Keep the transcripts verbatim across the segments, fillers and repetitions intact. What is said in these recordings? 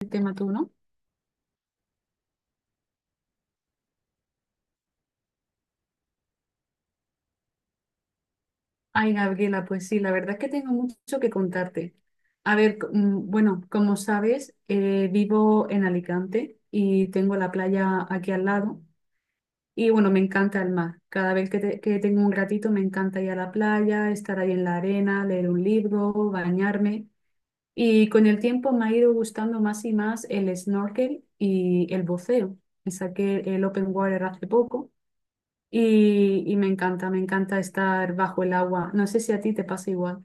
El tema tú, ¿no? Ay, Gabriela, pues sí, la verdad es que tengo mucho que contarte. A ver, c- mm, bueno, como sabes, eh, vivo en Alicante y tengo la playa aquí al lado. Y bueno, me encanta el mar. Cada vez que, te- que tengo un ratito, me encanta ir a la playa, estar ahí en la arena, leer un libro, bañarme. Y con el tiempo me ha ido gustando más y más el snorkel y el buceo. Me saqué el open water hace poco. Y, y me encanta, me encanta estar bajo el agua. No sé si a ti te pasa igual.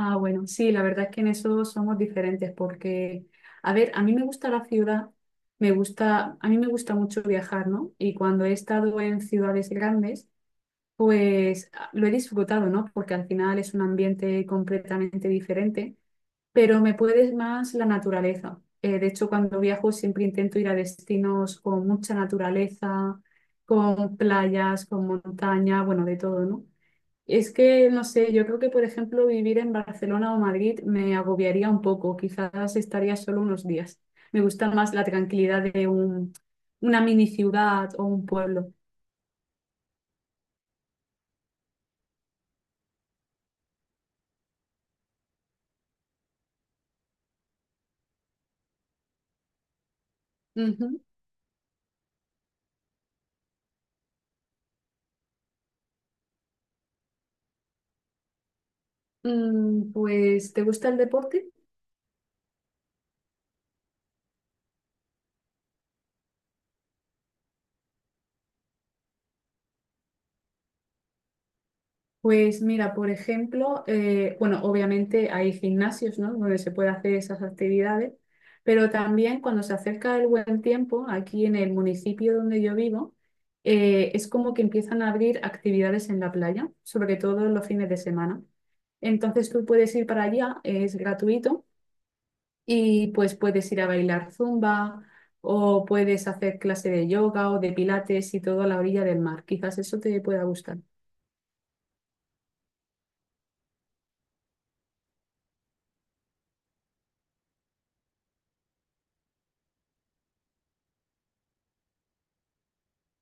Ah, bueno, sí, la verdad es que en eso somos diferentes porque, a ver, a mí me gusta la ciudad, me gusta, a mí me gusta mucho viajar, ¿no? Y cuando he estado en ciudades grandes, pues a- lo he disfrutado, ¿no? Porque al final es un ambiente completamente diferente, pero me puede más la naturaleza. Eh, de hecho, cuando viajo siempre intento ir a destinos con mucha naturaleza, con playas, con montaña, bueno, de todo, ¿no? Es que, no sé, yo creo que, por ejemplo, vivir en Barcelona o Madrid me agobiaría un poco, quizás estaría solo unos días. Me gusta más la tranquilidad de un, una mini ciudad o un pueblo. Ujú. Mm, Pues, ¿te gusta el deporte? Pues mira, por ejemplo, eh, bueno, obviamente hay gimnasios, ¿no? Donde se puede hacer esas actividades, pero también cuando se acerca el buen tiempo, aquí en el municipio donde yo vivo, eh, es como que empiezan a abrir actividades en la playa, sobre todo los fines de semana. Entonces tú puedes ir para allá, es gratuito. Y pues puedes ir a bailar zumba o puedes hacer clase de yoga o de pilates y todo a la orilla del mar. Quizás eso te pueda gustar.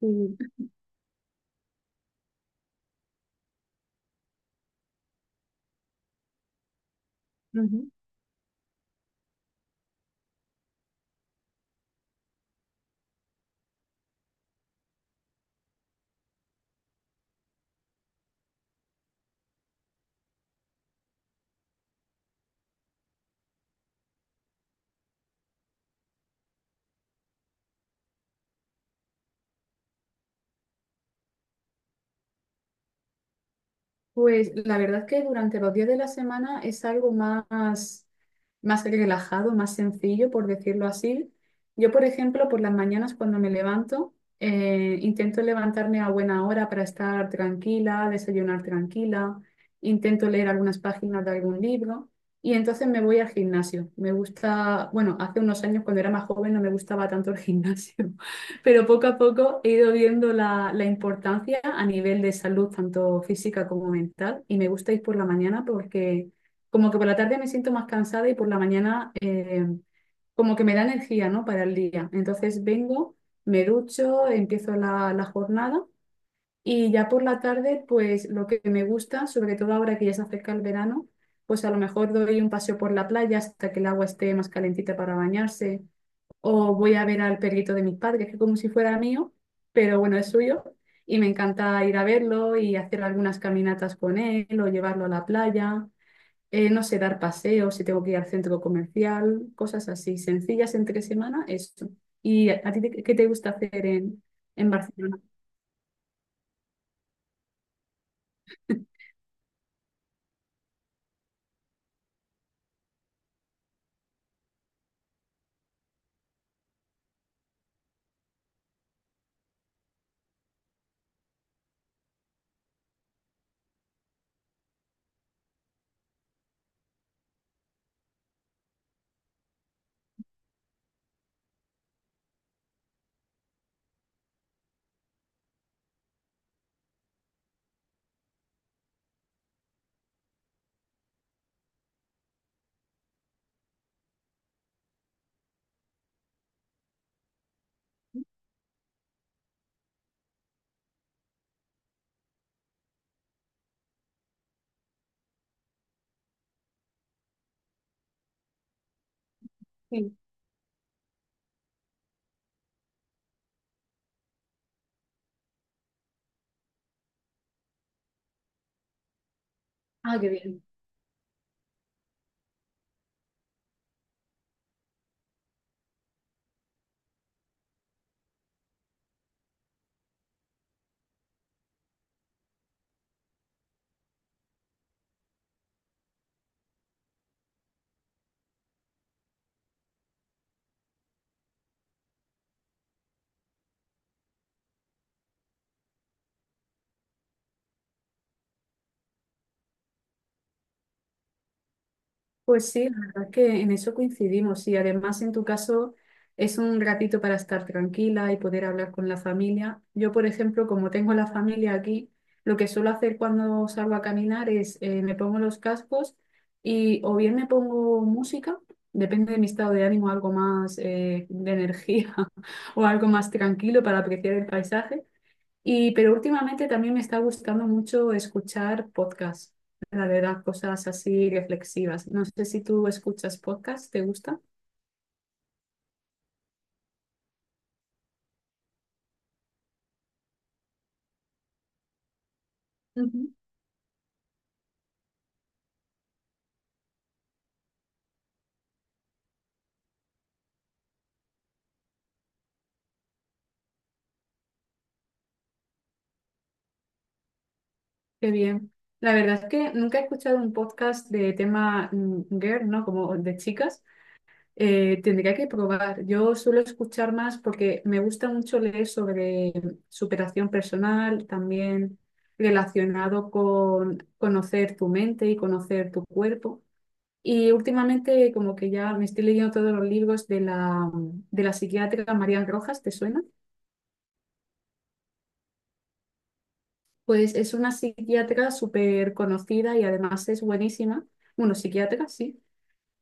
Sí. Ujú. Pues la verdad es que durante los días de la semana es algo más, más relajado, más sencillo, por decirlo así. Yo, por ejemplo, por las mañanas cuando me levanto, eh, intento levantarme a buena hora para estar tranquila, desayunar tranquila, intento leer algunas páginas de algún libro y entonces me voy al gimnasio. Me gusta, bueno, hace unos años cuando era más joven no me gustaba tanto el gimnasio. Pero poco a poco he ido viendo la, la importancia a nivel de salud, tanto física como mental, y me gusta ir por la mañana porque como que por la tarde me siento más cansada y por la mañana eh, como que me da energía, ¿no?, para el día. Entonces vengo, me ducho, empiezo la, la jornada y ya por la tarde, pues lo que me gusta, sobre todo ahora que ya se acerca el verano, pues a lo mejor doy un paseo por la playa hasta que el agua esté más calentita para bañarse o voy a ver al perrito de mis padres, que como si fuera mío, pero bueno, es suyo, y me encanta ir a verlo y hacer algunas caminatas con él o llevarlo a la playa, eh, no sé, dar paseos si tengo que ir al centro comercial, cosas así, sencillas entre semana, eso. ¿Y a a ti te- qué te gusta hacer en, en Barcelona? Sí. Ah, qué bien. Pues sí, la verdad es que en eso coincidimos y además en tu caso es un ratito para estar tranquila y poder hablar con la familia. Yo, por ejemplo, como tengo la familia aquí, lo que suelo hacer cuando salgo a caminar es eh, me pongo los cascos y o bien me pongo música, depende de mi estado de ánimo, algo más eh, de energía o algo más tranquilo para apreciar el paisaje. Y, pero últimamente también me está gustando mucho escuchar podcasts, la verdad, cosas así reflexivas. No sé si tú escuchas podcasts, ¿te gusta? Ujú. Qué bien. La verdad es que nunca he escuchado un podcast de tema mm, girl, ¿no? Como de chicas. Eh, tendría que probar. Yo suelo escuchar más porque me gusta mucho leer sobre mm, superación personal, también relacionado con conocer tu mente y conocer tu cuerpo. Y últimamente como que ya me estoy leyendo todos los libros de la, de la psiquiatra María Rojas, ¿te suena? Pues es una psiquiatra súper conocida y además es buenísima. Bueno, psiquiatra, sí.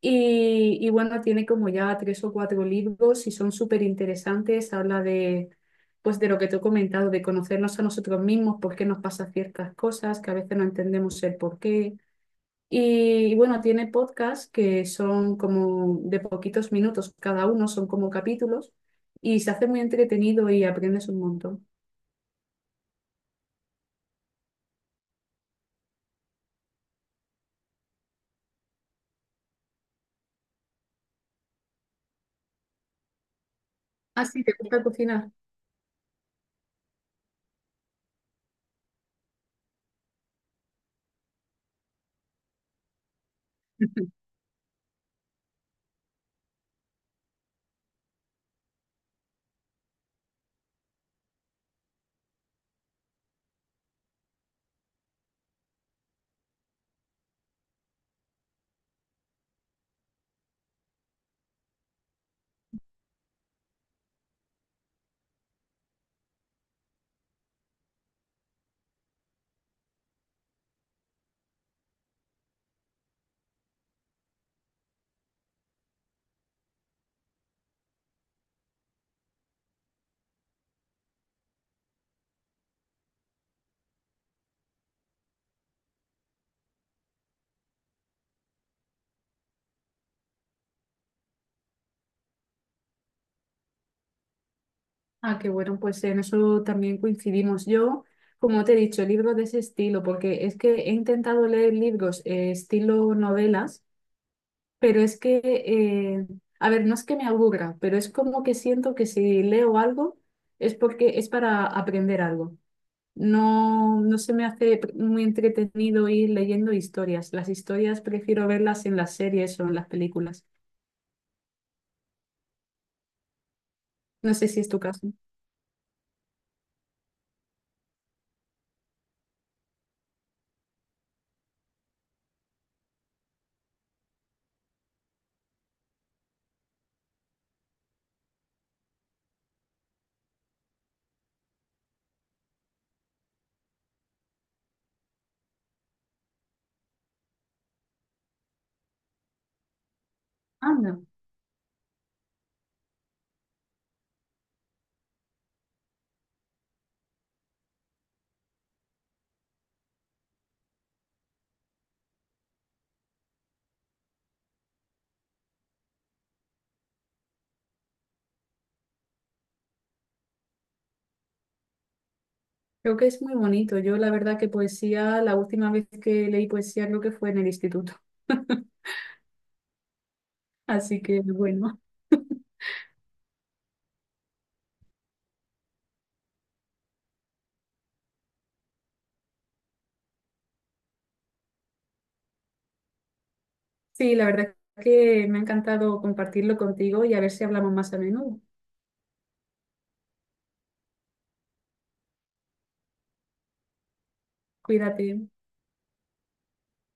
Y, y bueno, tiene como ya tres o cuatro libros y son súper interesantes. Habla de, pues de lo que te he comentado, de conocernos a nosotros mismos, por qué nos pasa ciertas cosas, que a veces no entendemos el por qué. Y, y bueno, tiene podcasts que son como de poquitos minutos cada uno, son como capítulos, y se hace muy entretenido y aprendes un montón. Ah, sí, ¿te gusta cocinar? Ah, qué bueno, pues en eso también coincidimos. Yo, como te he dicho, libros de ese estilo, porque es que he intentado leer libros eh, estilo novelas, pero es que, eh, a ver, no es que me aburra, pero es como que siento que si leo algo es porque es para aprender algo. No, no se me hace pr- muy entretenido ir leyendo historias. Las historias prefiero verlas en las series o en las películas. No sé si es tu caso. Anda, creo que es muy bonito. Yo la verdad que poesía, la última vez que leí poesía creo que fue en el instituto. Así que bueno, sí, la verdad que me ha encantado compartirlo contigo y a ver si hablamos más a menudo. Cuídate.